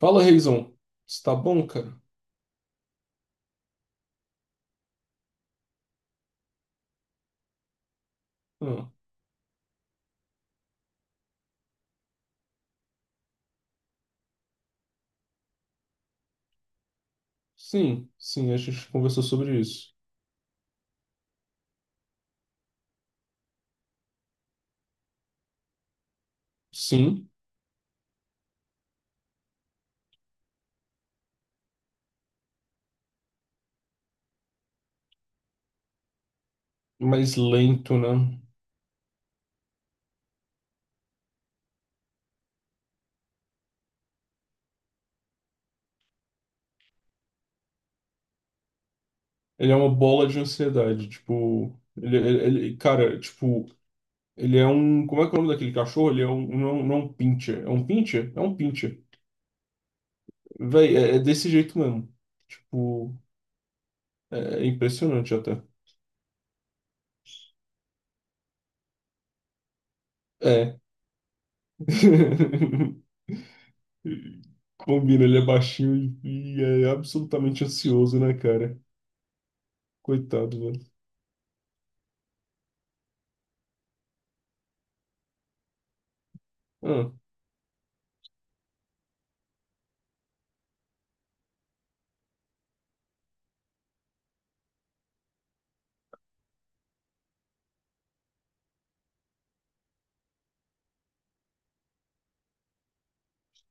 Fala, Reizão. Está bom, cara? Ah, sim, sim, a gente conversou sobre isso. Sim, mas lento, né? Ele é uma bola de ansiedade, tipo, cara, tipo, ele é um, como é que é o nome daquele cachorro? Ele é um, não, não é um pincher, é um pincher? É um pincher. Véi, é, é desse jeito mesmo. Tipo, é, é impressionante até. É. Combina, ele é baixinho e é absolutamente ansioso, né, cara? Coitado, velho. Ah.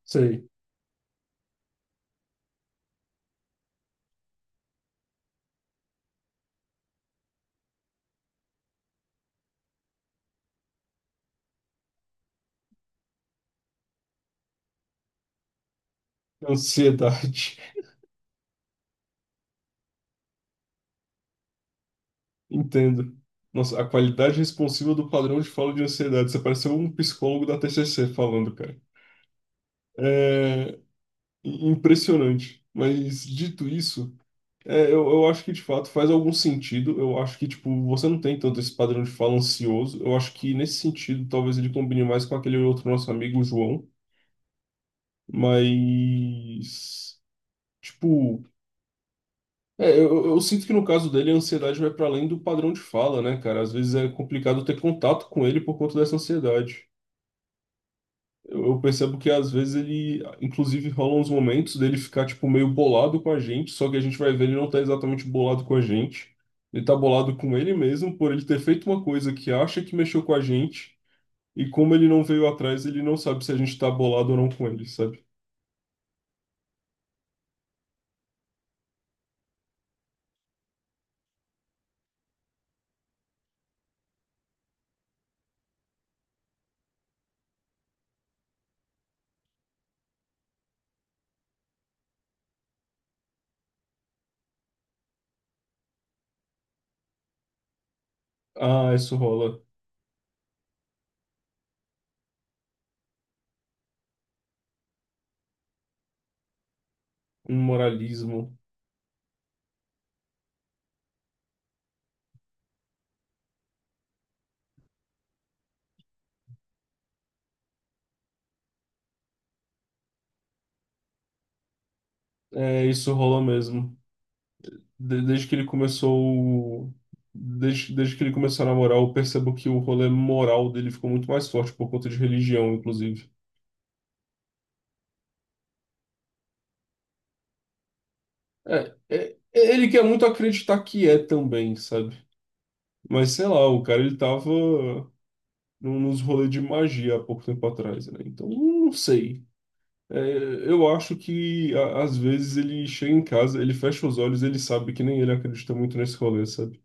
Sei. Ansiedade. Entendo. Nossa, a qualidade responsiva do padrão de fala de ansiedade. Você pareceu um psicólogo da TCC falando, cara. É impressionante. Mas dito isso, é, eu acho que de fato faz algum sentido. Eu acho que, tipo, você não tem tanto esse padrão de fala ansioso. Eu acho que nesse sentido, talvez ele combine mais com aquele outro nosso amigo, o João. Mas, tipo. É, eu sinto que no caso dele a ansiedade vai para além do padrão de fala, né, cara? Às vezes é complicado ter contato com ele por conta dessa ansiedade. Eu percebo que às vezes ele, inclusive, rolam uns momentos dele ficar, tipo, meio bolado com a gente, só que a gente vai ver ele não tá exatamente bolado com a gente. Ele tá bolado com ele mesmo por ele ter feito uma coisa que acha que mexeu com a gente, e como ele não veio atrás, ele não sabe se a gente tá bolado ou não com ele, sabe? Ah, isso rola. Um moralismo. É, isso rola mesmo. Desde que ele começou, desde que ele começou a namorar, eu percebo que o rolê moral dele ficou muito mais forte por conta de religião, inclusive. É, é, ele quer muito acreditar que é também, sabe? Mas sei lá, o cara ele tava nos rolês de magia há pouco tempo atrás, né? Então, não sei. É, eu acho que às vezes ele chega em casa, ele fecha os olhos, ele sabe que nem ele acredita muito nesse rolê, sabe?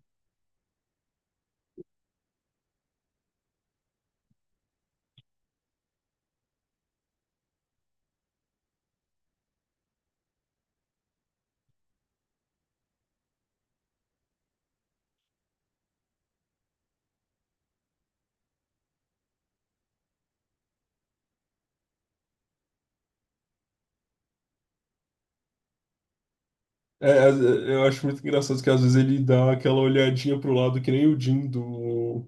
É, é, eu acho muito engraçado que às vezes ele dá aquela olhadinha pro lado que nem o Jim do,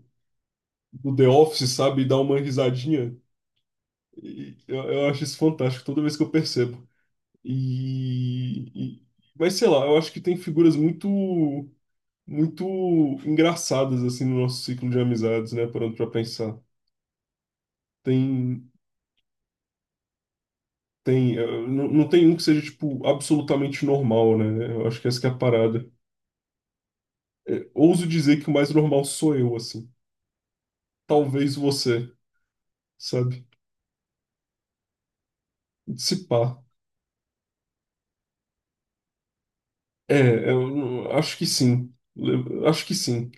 do The Office, sabe? E dá uma risadinha. E eu acho isso fantástico toda vez que eu percebo. E, e- mas sei lá, eu acho que tem figuras muito muito engraçadas assim no nosso ciclo de amizades, né? Parando pra pensar. Tem, eh, não tem um que seja tipo absolutamente normal, né? Eu acho que essa que é a parada. Eh, ouso dizer que o mais normal sou eu, assim. Talvez você, sabe? Se pá. É, eu não- acho que sim. Acho que sim.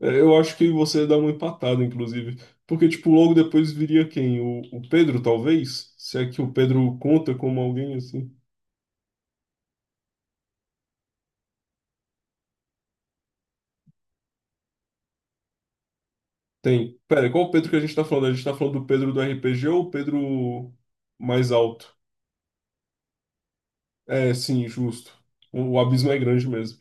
Eu acho que você dá uma empatada, inclusive. Porque, tipo, logo depois viria quem? O Pedro, talvez? Se é que o Pedro conta como alguém, assim. Tem. Pera, qual o Pedro que a gente tá falando? A gente tá falando do Pedro do RPG ou o Pedro mais alto? É, sim, justo. O abismo é grande mesmo.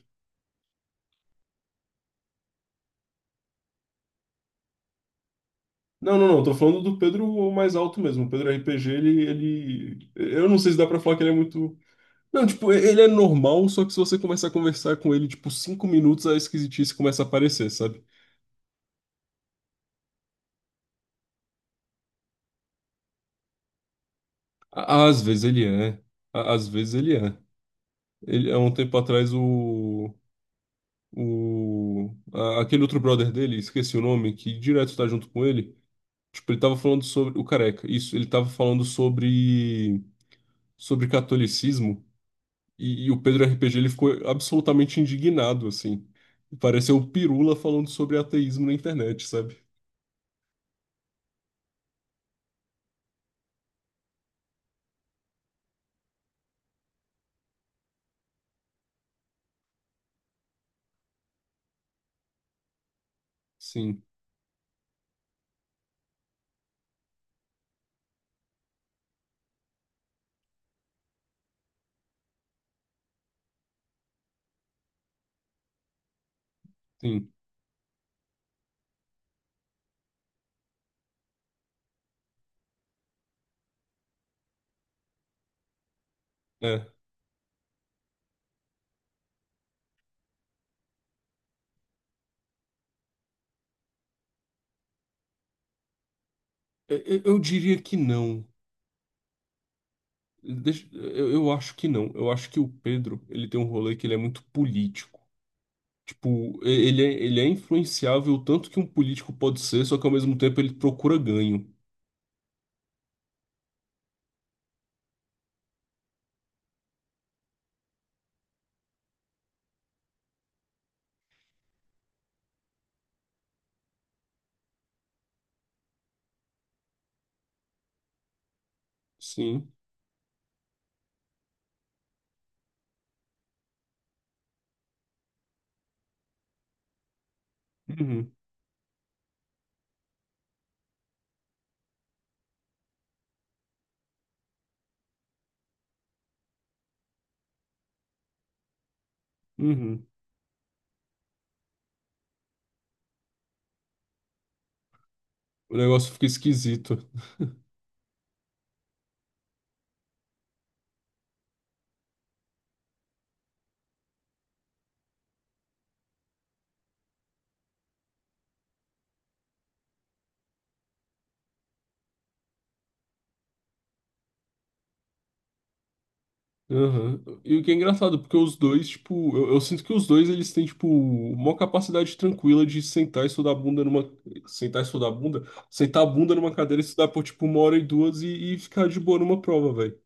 Não, tô falando do Pedro mais alto mesmo. O Pedro RPG, ele. Eu não sei se dá pra falar que ele é muito. Não, tipo, ele é normal, só que se você começar a conversar com ele, tipo, cinco minutos, a esquisitice começa a aparecer, sabe? Às vezes ele é. Às vezes ele é. Ele, há um tempo atrás, o. O, aquele outro brother dele, esqueci o nome, que direto tá junto com ele. Tipo, ele tava falando sobre. O Careca, isso, ele tava falando sobre. Sobre catolicismo. E o Pedro RPG ele ficou absolutamente indignado, assim. Pareceu o Pirula falando sobre ateísmo na internet, sabe? Sim, sim. É. Eu diria que não. Deixa- eu acho que não. Eu acho que o Pedro, ele tem um rolê que ele é muito político. Tipo, ele é influenciável tanto que um político pode ser, só que ao mesmo tempo ele procura ganho. Sim. Uhum, uhum. O negócio fica esquisito. Aham. E o que é engraçado, porque os dois, tipo, eu sinto que os dois eles têm, tipo, uma capacidade tranquila de sentar e estudar a bunda numa. Sentar e estudar a bunda? Sentar a bunda numa cadeira e estudar por, tipo, uma hora e duas e ficar de boa numa prova, velho.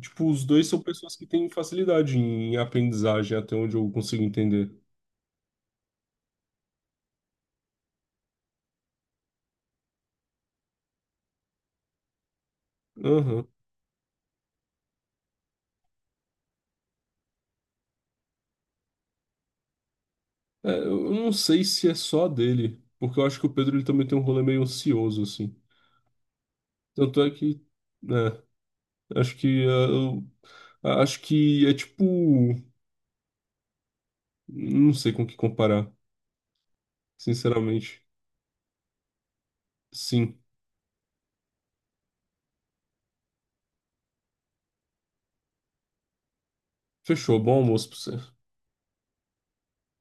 Tipo, os dois são pessoas que têm facilidade em aprendizagem, até onde eu consigo entender. Aham. É, eu não sei se é só dele, porque eu acho que o Pedro ele também tem um rolê meio ansioso, assim. Tanto é que, né, acho que, é, acho que é tipo, não sei com o que comparar, sinceramente. Sim. Fechou, bom almoço pra você.